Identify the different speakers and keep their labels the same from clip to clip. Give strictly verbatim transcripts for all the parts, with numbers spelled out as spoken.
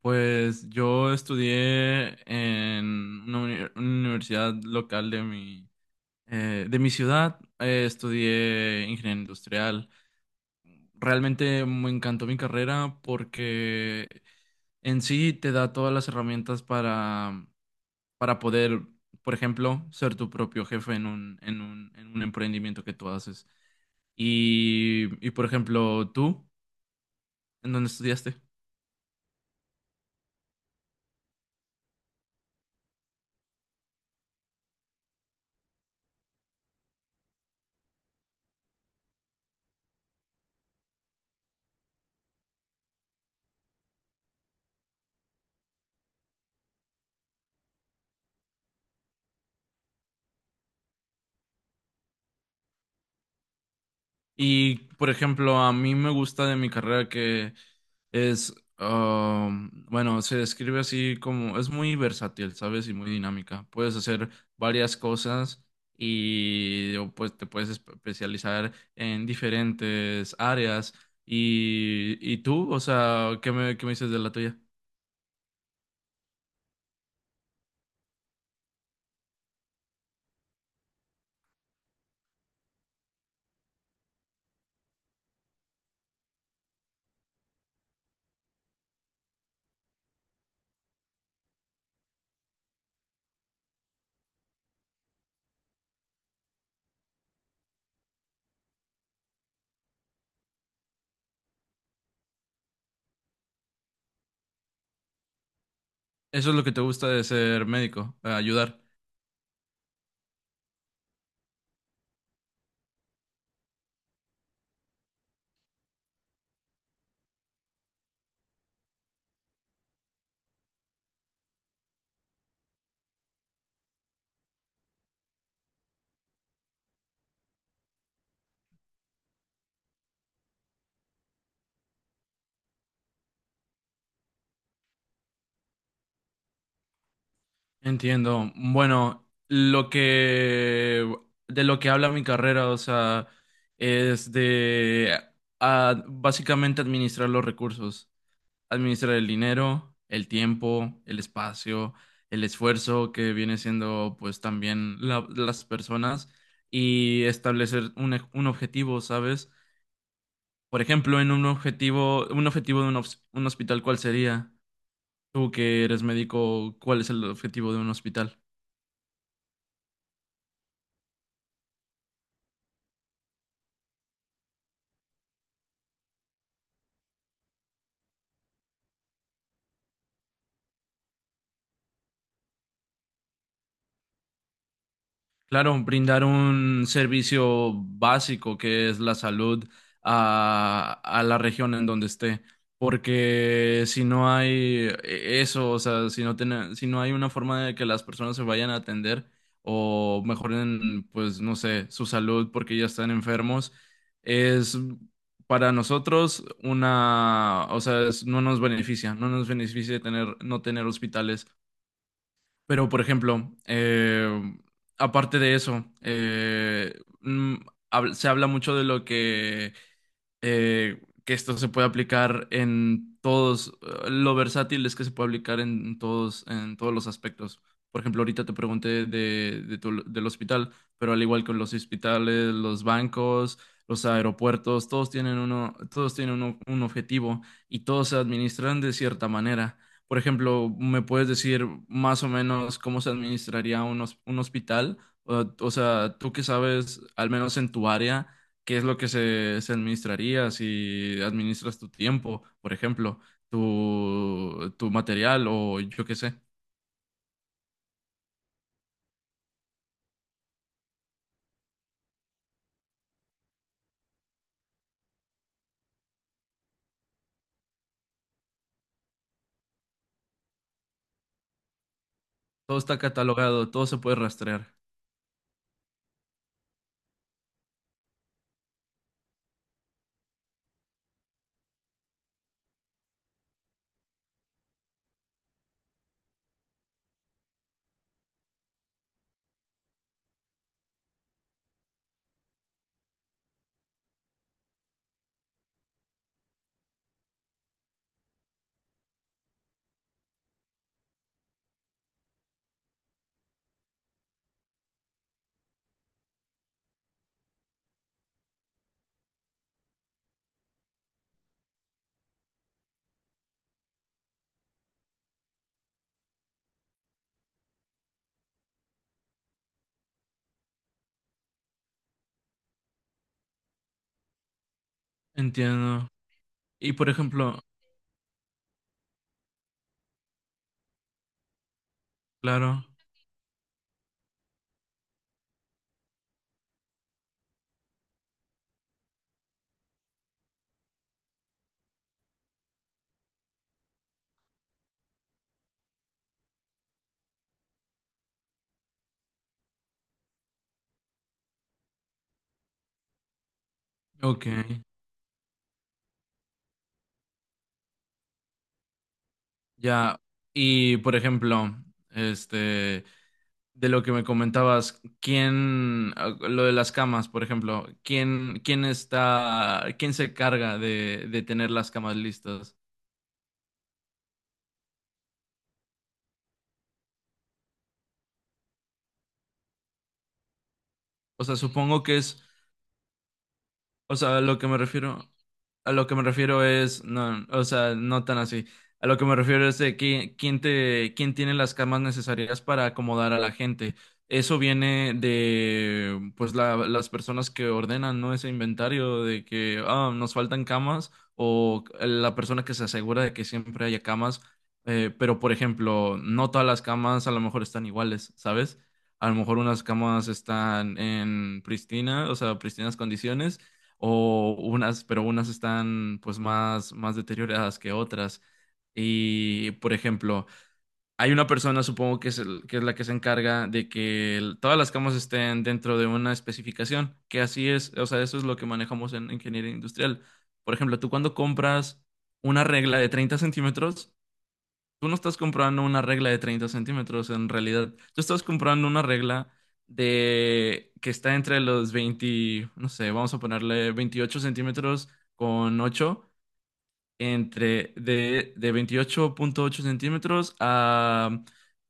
Speaker 1: Pues yo estudié en una, uni- una universidad local de mi, eh, de mi ciudad. Eh, estudié ingeniería industrial. Realmente me encantó mi carrera porque en sí te da todas las herramientas para, para poder, por ejemplo, ser tu propio jefe en un, en un, en un emprendimiento que tú haces. Y, y por ejemplo, tú, ¿en dónde estudiaste? Y, por ejemplo, a mí me gusta de mi carrera que es, um, bueno, se describe así como, es muy versátil, ¿sabes? Y muy dinámica. Puedes hacer varias cosas y o, pues te puedes espe- especializar en diferentes áreas. Y, y tú, o sea, ¿qué me, qué me dices de la tuya? Eso es lo que te gusta de ser médico, ayudar. Entiendo. Bueno, lo que de lo que habla mi carrera, o sea, es de ah, básicamente administrar los recursos, administrar el dinero, el tiempo, el espacio, el esfuerzo que viene siendo pues también la- las personas y establecer un, ej- un objetivo, ¿sabes? Por ejemplo, en un objetivo, un objetivo de un, hos- un hospital, ¿cuál sería? Tú que eres médico, ¿cuál es el objetivo de un hospital? Claro, brindar un servicio básico que es la salud a, a la región en donde esté, porque si no hay eh, eso, o sea, si no tiene- si no hay una forma de que las personas se vayan a atender o mejoren, pues no sé, su salud porque ya están enfermos, es para nosotros una, o sea, es- no nos beneficia, no nos beneficia tener, no tener hospitales. Pero, por ejemplo, eh, aparte de eso, eh, mm, hab- se habla mucho de lo que eh, que esto se puede aplicar en todos, eh, lo versátil es que se puede aplicar en todos, en todos los aspectos. Por ejemplo, ahorita te pregunté de, de tu- del hospital, pero al igual que los hospitales, los bancos, los aeropuertos, todos tienen uno, todos tienen uno- un objetivo y todos se administran de cierta manera. Por ejemplo, ¿me puedes decir más o menos cómo se administraría un, hos- un hospital? o o sea, tú que sabes, al menos en tu área qué es lo que se, se administraría si administras tu tiempo, por ejemplo, tu, tu material o yo qué sé. Todo está catalogado, todo se puede rastrear. Entiendo. Y por ejemplo, claro, ok, ya. Y por ejemplo, este, de lo que me comentabas, ¿quién, ah, lo de las camas, por ejemplo, ¿quién, quién está, quién se carga de, de tener las camas listas? O sea, supongo que es. O sea, a lo que me refiero, a lo que me refiero es, no, o sea, no tan así. A lo que me refiero es de qui- quién, te, quién tiene las camas necesarias para acomodar a la gente. Eso viene de, pues, la- las personas que ordenan, ¿no? Ese inventario de que, ah, nos faltan camas o la persona que se asegura de que siempre haya camas. Eh, pero, por ejemplo, no todas las camas a lo mejor están iguales, ¿sabes? A lo mejor unas camas están en pristina, o sea, pristinas condiciones o unas, pero unas están pues más, más deterioradas que otras. Y, por ejemplo, hay una persona, supongo que es, el- que es la que se encarga de que el- todas las camas estén dentro de una especificación, que así es, o sea, eso es lo que manejamos en ingeniería industrial. Por ejemplo, tú cuando compras una regla de treinta centímetros. Tú no estás comprando una regla de treinta centímetros, en realidad. Tú estás comprando una regla de que está entre los veinte, no sé, vamos a ponerle veintiocho centímetros con ocho entre de, de veintiocho punto ocho centímetros a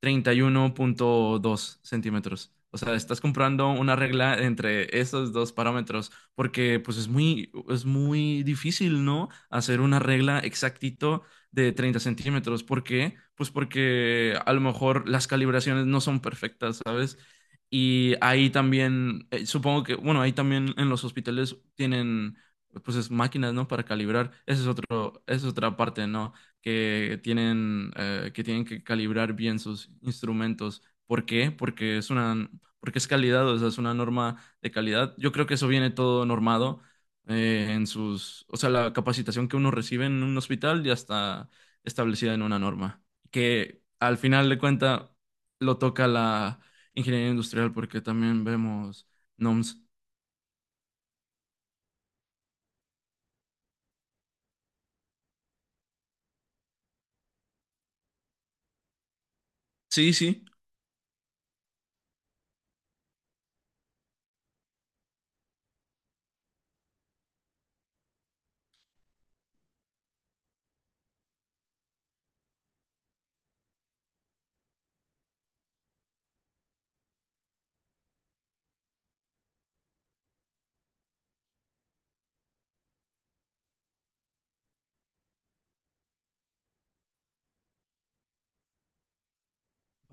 Speaker 1: treinta y uno punto dos centímetros. O sea, estás comprando una regla entre esos dos parámetros, porque pues es muy, es muy difícil, ¿no? Hacer una regla exactito de treinta centímetros. ¿Por qué? Pues porque a lo mejor las calibraciones no son perfectas, ¿sabes? Y ahí también, eh, supongo que, bueno, ahí también en los hospitales tienen pues es máquinas, ¿no? Para calibrar. Esa es otro, esa es otra parte, ¿no? Que tienen, eh, que tienen que calibrar bien sus instrumentos. ¿Por qué? Porque es una, porque es calidad, o sea, es una norma de calidad. Yo creo que eso viene todo normado eh, en sus, o sea, la capacitación que uno recibe en un hospital ya está establecida en una norma. Que al final de cuenta lo toca la ingeniería industrial porque también vemos NOMS. Sí, sí.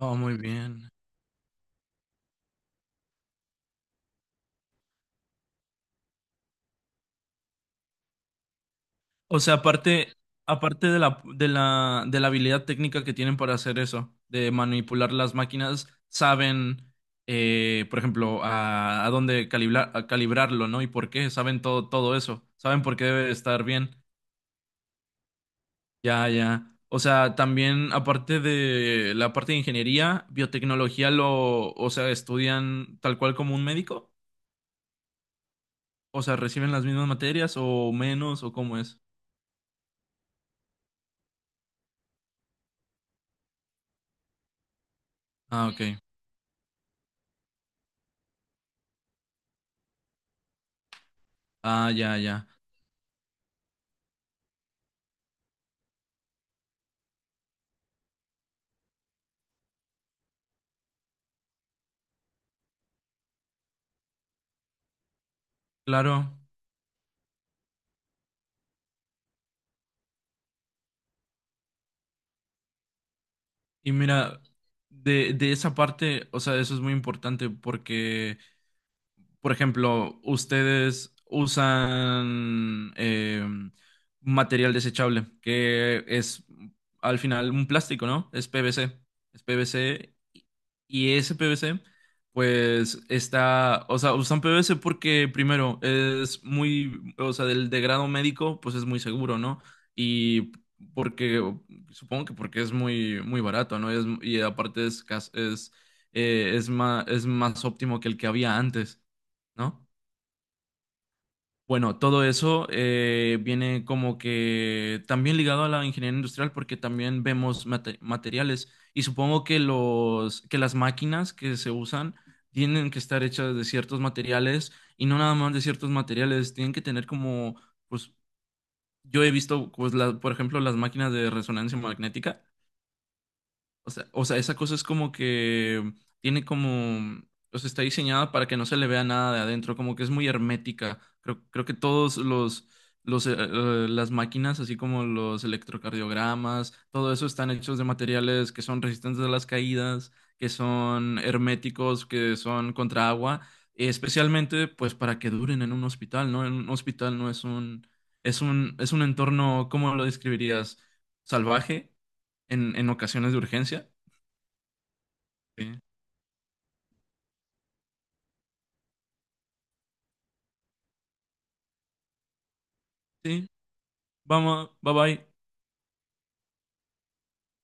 Speaker 1: Oh, muy bien. O sea, aparte, aparte de la, de la, de la habilidad técnica que tienen para hacer eso, de manipular las máquinas, saben, eh, por ejemplo, a, a dónde calibrar, a calibrarlo, ¿no? Y por qué, saben todo, todo eso, saben por qué debe estar bien. Ya, ya. O sea, también aparte de la parte de ingeniería, biotecnología lo, o sea, estudian tal cual como un médico. O sea, reciben las mismas materias o menos o cómo es. Ah, ok. Ah, ya, ya. Claro. Y mira, de, de esa parte, o sea, eso es muy importante porque por ejemplo, ustedes usan eh, material desechable, que es al final un plástico, ¿no? Es P V C. Es P V C y ese P V C, pues está, o sea, usan P V C porque primero es muy, o sea, del de grado médico, pues es muy seguro, ¿no? Y porque, supongo que porque es muy, muy barato, ¿no? Es- y aparte es, cas- es, eh, es más, es más óptimo que el que había antes. ¿No? Bueno, todo eso eh, viene como que también ligado a la ingeniería industrial porque también vemos mate- materiales y supongo que los que las máquinas que se usan tienen que estar hechas de ciertos materiales y no nada más de ciertos materiales, tienen que tener como pues yo he visto pues la- por ejemplo las máquinas de resonancia magnética. O sea, o sea, esa cosa es como que tiene como, o sea, está diseñada para que no se le vea nada de adentro, como que es muy hermética. Creo, creo que todos los, los, eh, eh, las máquinas, así como los electrocardiogramas, todo eso están hechos de materiales que son resistentes a las caídas, que son herméticos, que son contra agua, especialmente pues para que duren en un hospital, ¿no? En un hospital no es un, es un, es un entorno, ¿cómo lo describirías? Salvaje en, en, ocasiones de urgencia. Sí, sí, vamos, bye bye.